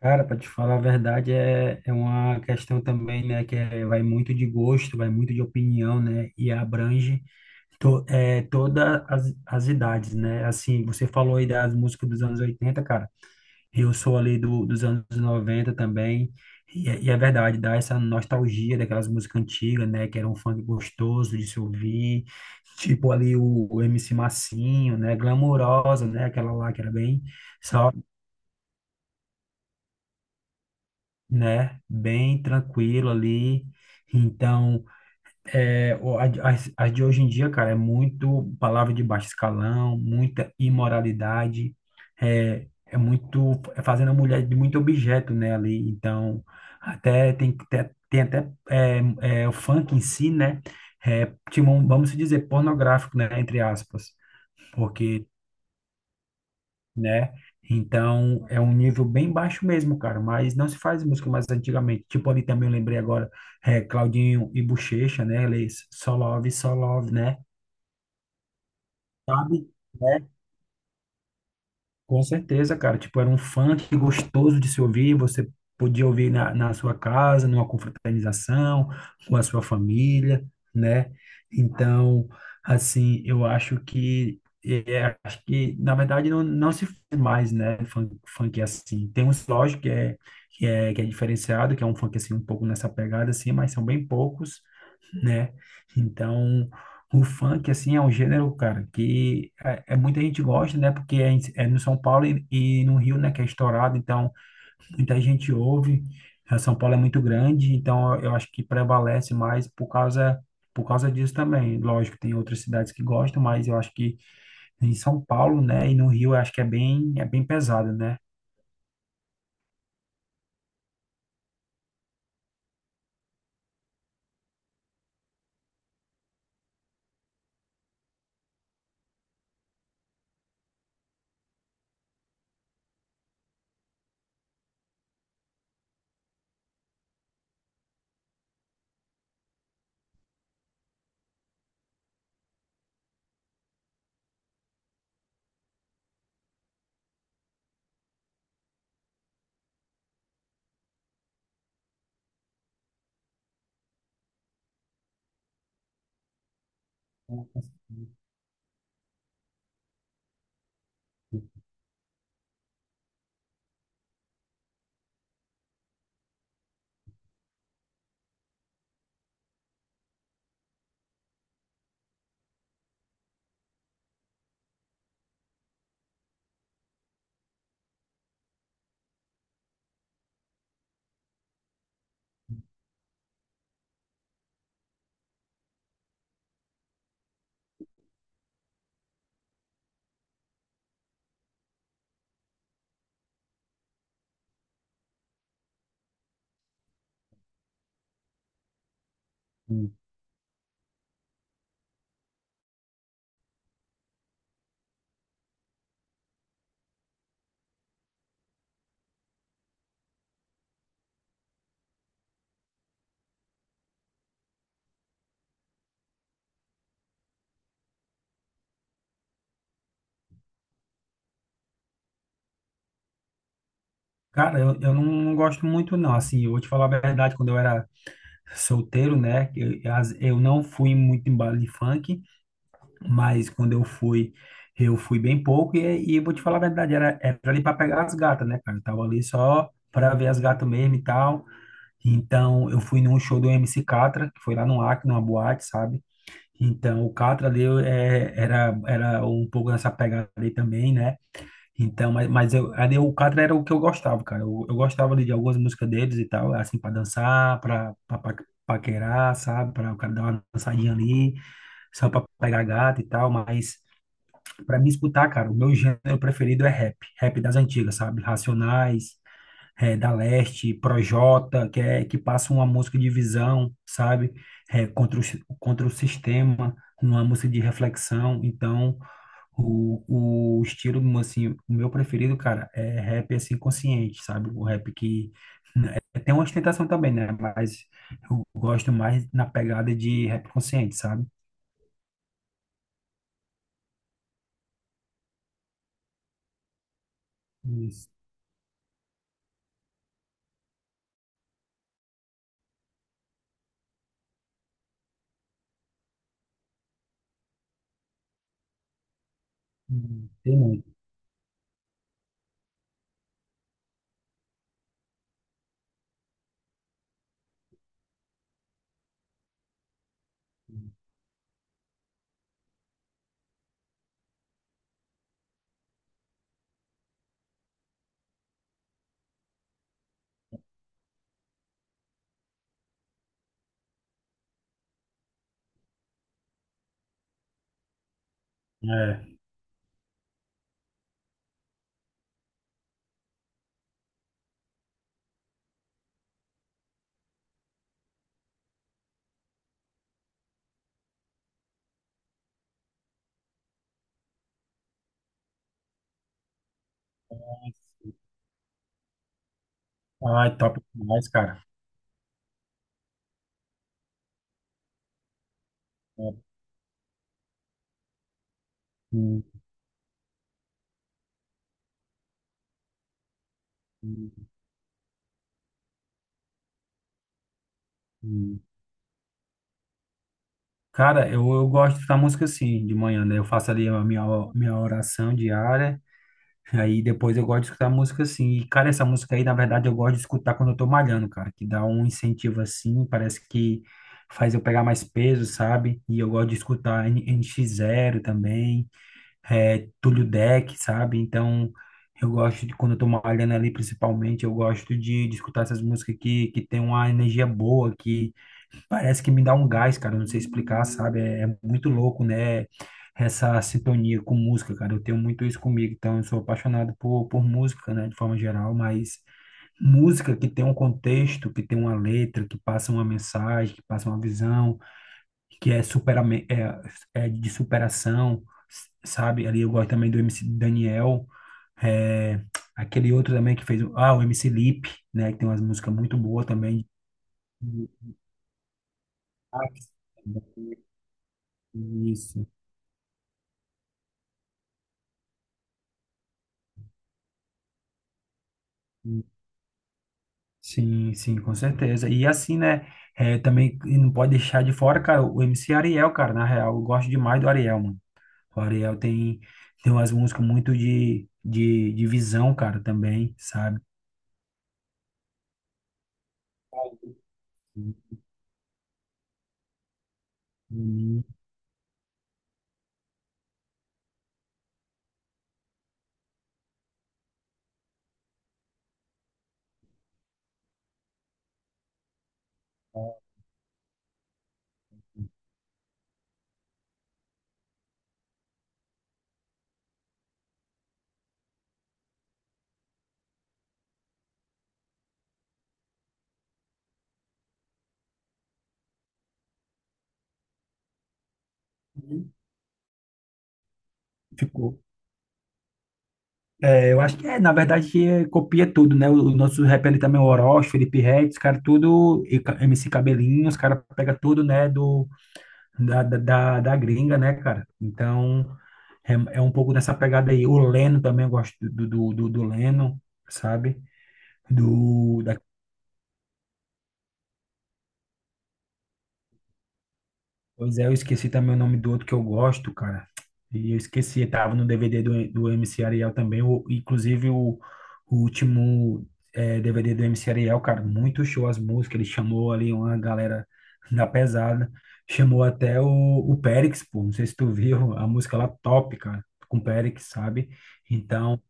Cara, para te falar a verdade, é uma questão também, né, vai muito de gosto, vai muito de opinião, né, e abrange todas as idades, né? Assim, você falou aí das músicas dos anos 80, cara, eu sou ali dos anos 90 também, e é verdade, dá essa nostalgia daquelas músicas antigas, né, que era um funk gostoso de se ouvir, tipo ali o MC Massinho, né, Glamurosa, né, aquela lá que era bem... né? Bem tranquilo ali. Então, as de hoje em dia, cara, é muito palavra de baixo escalão, muita imoralidade, é fazendo a mulher de muito objeto, né, ali. Então, até tem o funk em si, né? É, tipo, vamos dizer, pornográfico, né? Entre aspas. Porque né? Então, é um nível bem baixo mesmo, cara, mas não se faz música mais antigamente. Tipo, ali também eu lembrei agora, Claudinho e Buchecha, né? Eles, Só Love, Só Love, né? Sabe? É, com certeza, cara. Tipo, era um funk gostoso de se ouvir. Você podia ouvir na sua casa, numa confraternização, com a sua família, né? Então, assim, eu acho que. É, acho que, na verdade, não se faz mais, né? Funk, funk assim. Tem uns, lógico, que é diferenciado, que é um funk, assim, um pouco nessa pegada, assim, mas são bem poucos né? Então, o funk, assim, é um gênero, cara, é muita gente gosta, né? Porque é no São Paulo e no Rio, né, que é estourado, então muita gente ouve. A São Paulo é muito grande, então eu acho que prevalece mais por causa disso também. Lógico, tem outras cidades que gostam, mas eu acho que em São Paulo, né, e no Rio, eu acho que é é bem pesado, né? O- o- o- Cara, eu não gosto muito, não. Assim, eu vou te falar a verdade, quando eu era solteiro, né? Eu não fui muito em baile de funk, mas quando eu fui bem pouco e vou te falar a verdade, era ali para pegar as gatas, né, cara? Eu tava ali só para ver as gatas mesmo e tal. Então, eu fui num show do MC Catra, que foi lá no Acre, numa boate, sabe? Então, o Catra ali era um pouco nessa pegada aí também, né? Então, mas eu, ali o Catra era o que eu gostava, cara. Eu gostava ali de algumas músicas deles e tal, assim, pra dançar, paquerar, sabe? Pra o cara dar uma dançadinha ali, só pra pegar gata e tal. Mas pra mim escutar, cara, o meu gênero preferido é rap. Rap das antigas, sabe? Racionais, da Leste, Projota, que passa uma música de visão, sabe? Contra contra o sistema, uma música de reflexão. Então. O estilo, assim, o meu preferido, cara, é rap, assim, consciente, sabe? O rap tem uma ostentação também, né? Mas eu gosto mais na pegada de rap consciente, sabe? Isso. Tem muito. É. Ai, top demais, cara. É. Hum, hum, hum. Cara, eu gosto da música assim, de manhã, né? Eu faço ali a minha oração diária. Aí depois eu gosto de escutar música assim. E, cara, essa música aí, na verdade, eu gosto de escutar quando eu tô malhando, cara, que dá um incentivo assim, parece que faz eu pegar mais peso, sabe? E eu gosto de escutar nx zero também, Túlio Deck, sabe? Então, eu gosto de, quando eu tô malhando ali, principalmente, eu gosto de escutar essas músicas que tem uma energia boa. Parece que me dá um gás, cara. Eu Não sei explicar, sabe? É muito louco, né? Essa sintonia com música, cara. Eu tenho muito isso comigo. Então, eu sou apaixonado por música, né? De forma geral, mas música que tem um contexto, que tem uma letra, que passa uma mensagem, que passa uma visão, que é, supera, é, é de superação, sabe? Ali eu gosto também do MC Daniel. É, aquele outro também que fez. Ah, o MC Lipe, né? Que tem umas músicas muito boas também. de- Isso. Sim, com certeza. E assim, né? É, também não pode deixar de fora, cara, o MC Ariel, cara. Na real, eu gosto demais do Ariel, mano. O Ariel tem, tem umas músicas muito de visão, cara, também, sabe? Hum, Ficou. É, eu acho que é, na verdade, que é, copia tudo, né? O nosso rap ali também, o Orochi, Felipe Ret, os caras tudo, MC Cabelinho, os caras pega tudo, né, do da gringa, né, cara? Então, é, é um pouco nessa pegada aí. O Leno também, eu gosto do Leno, sabe? Do, pois é, eu esqueci também o nome do outro que eu gosto, cara. E eu esqueci, tava no DVD do MC Ariel também. O, inclusive, o último eh, DVD do MC Ariel, cara, muito show as músicas. Ele chamou ali uma galera da pesada. Chamou até o Périx, pô. Não sei se tu viu a música lá, top, cara, com o Périx, sabe? Então,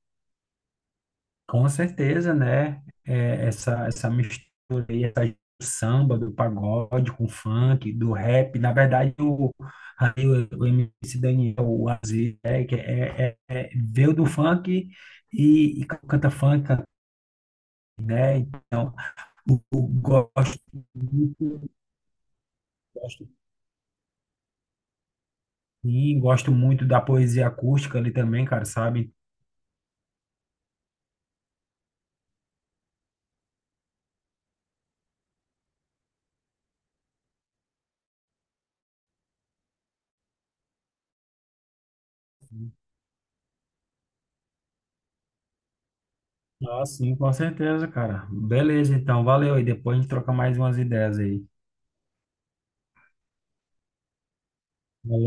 com certeza, né? É, essa mistura aí, essa do samba, do pagode com funk, do rap. Na verdade, o MC Daniel, o Aziz, né? Que é, é, é- veio do funk e canta funk, né? Então, eu gosto muito, gosto, sim, gosto muito da poesia acústica ali também, cara, sabe? Ah, sim, com certeza, cara. Beleza, então, valeu. E depois a gente troca mais umas ideias aí.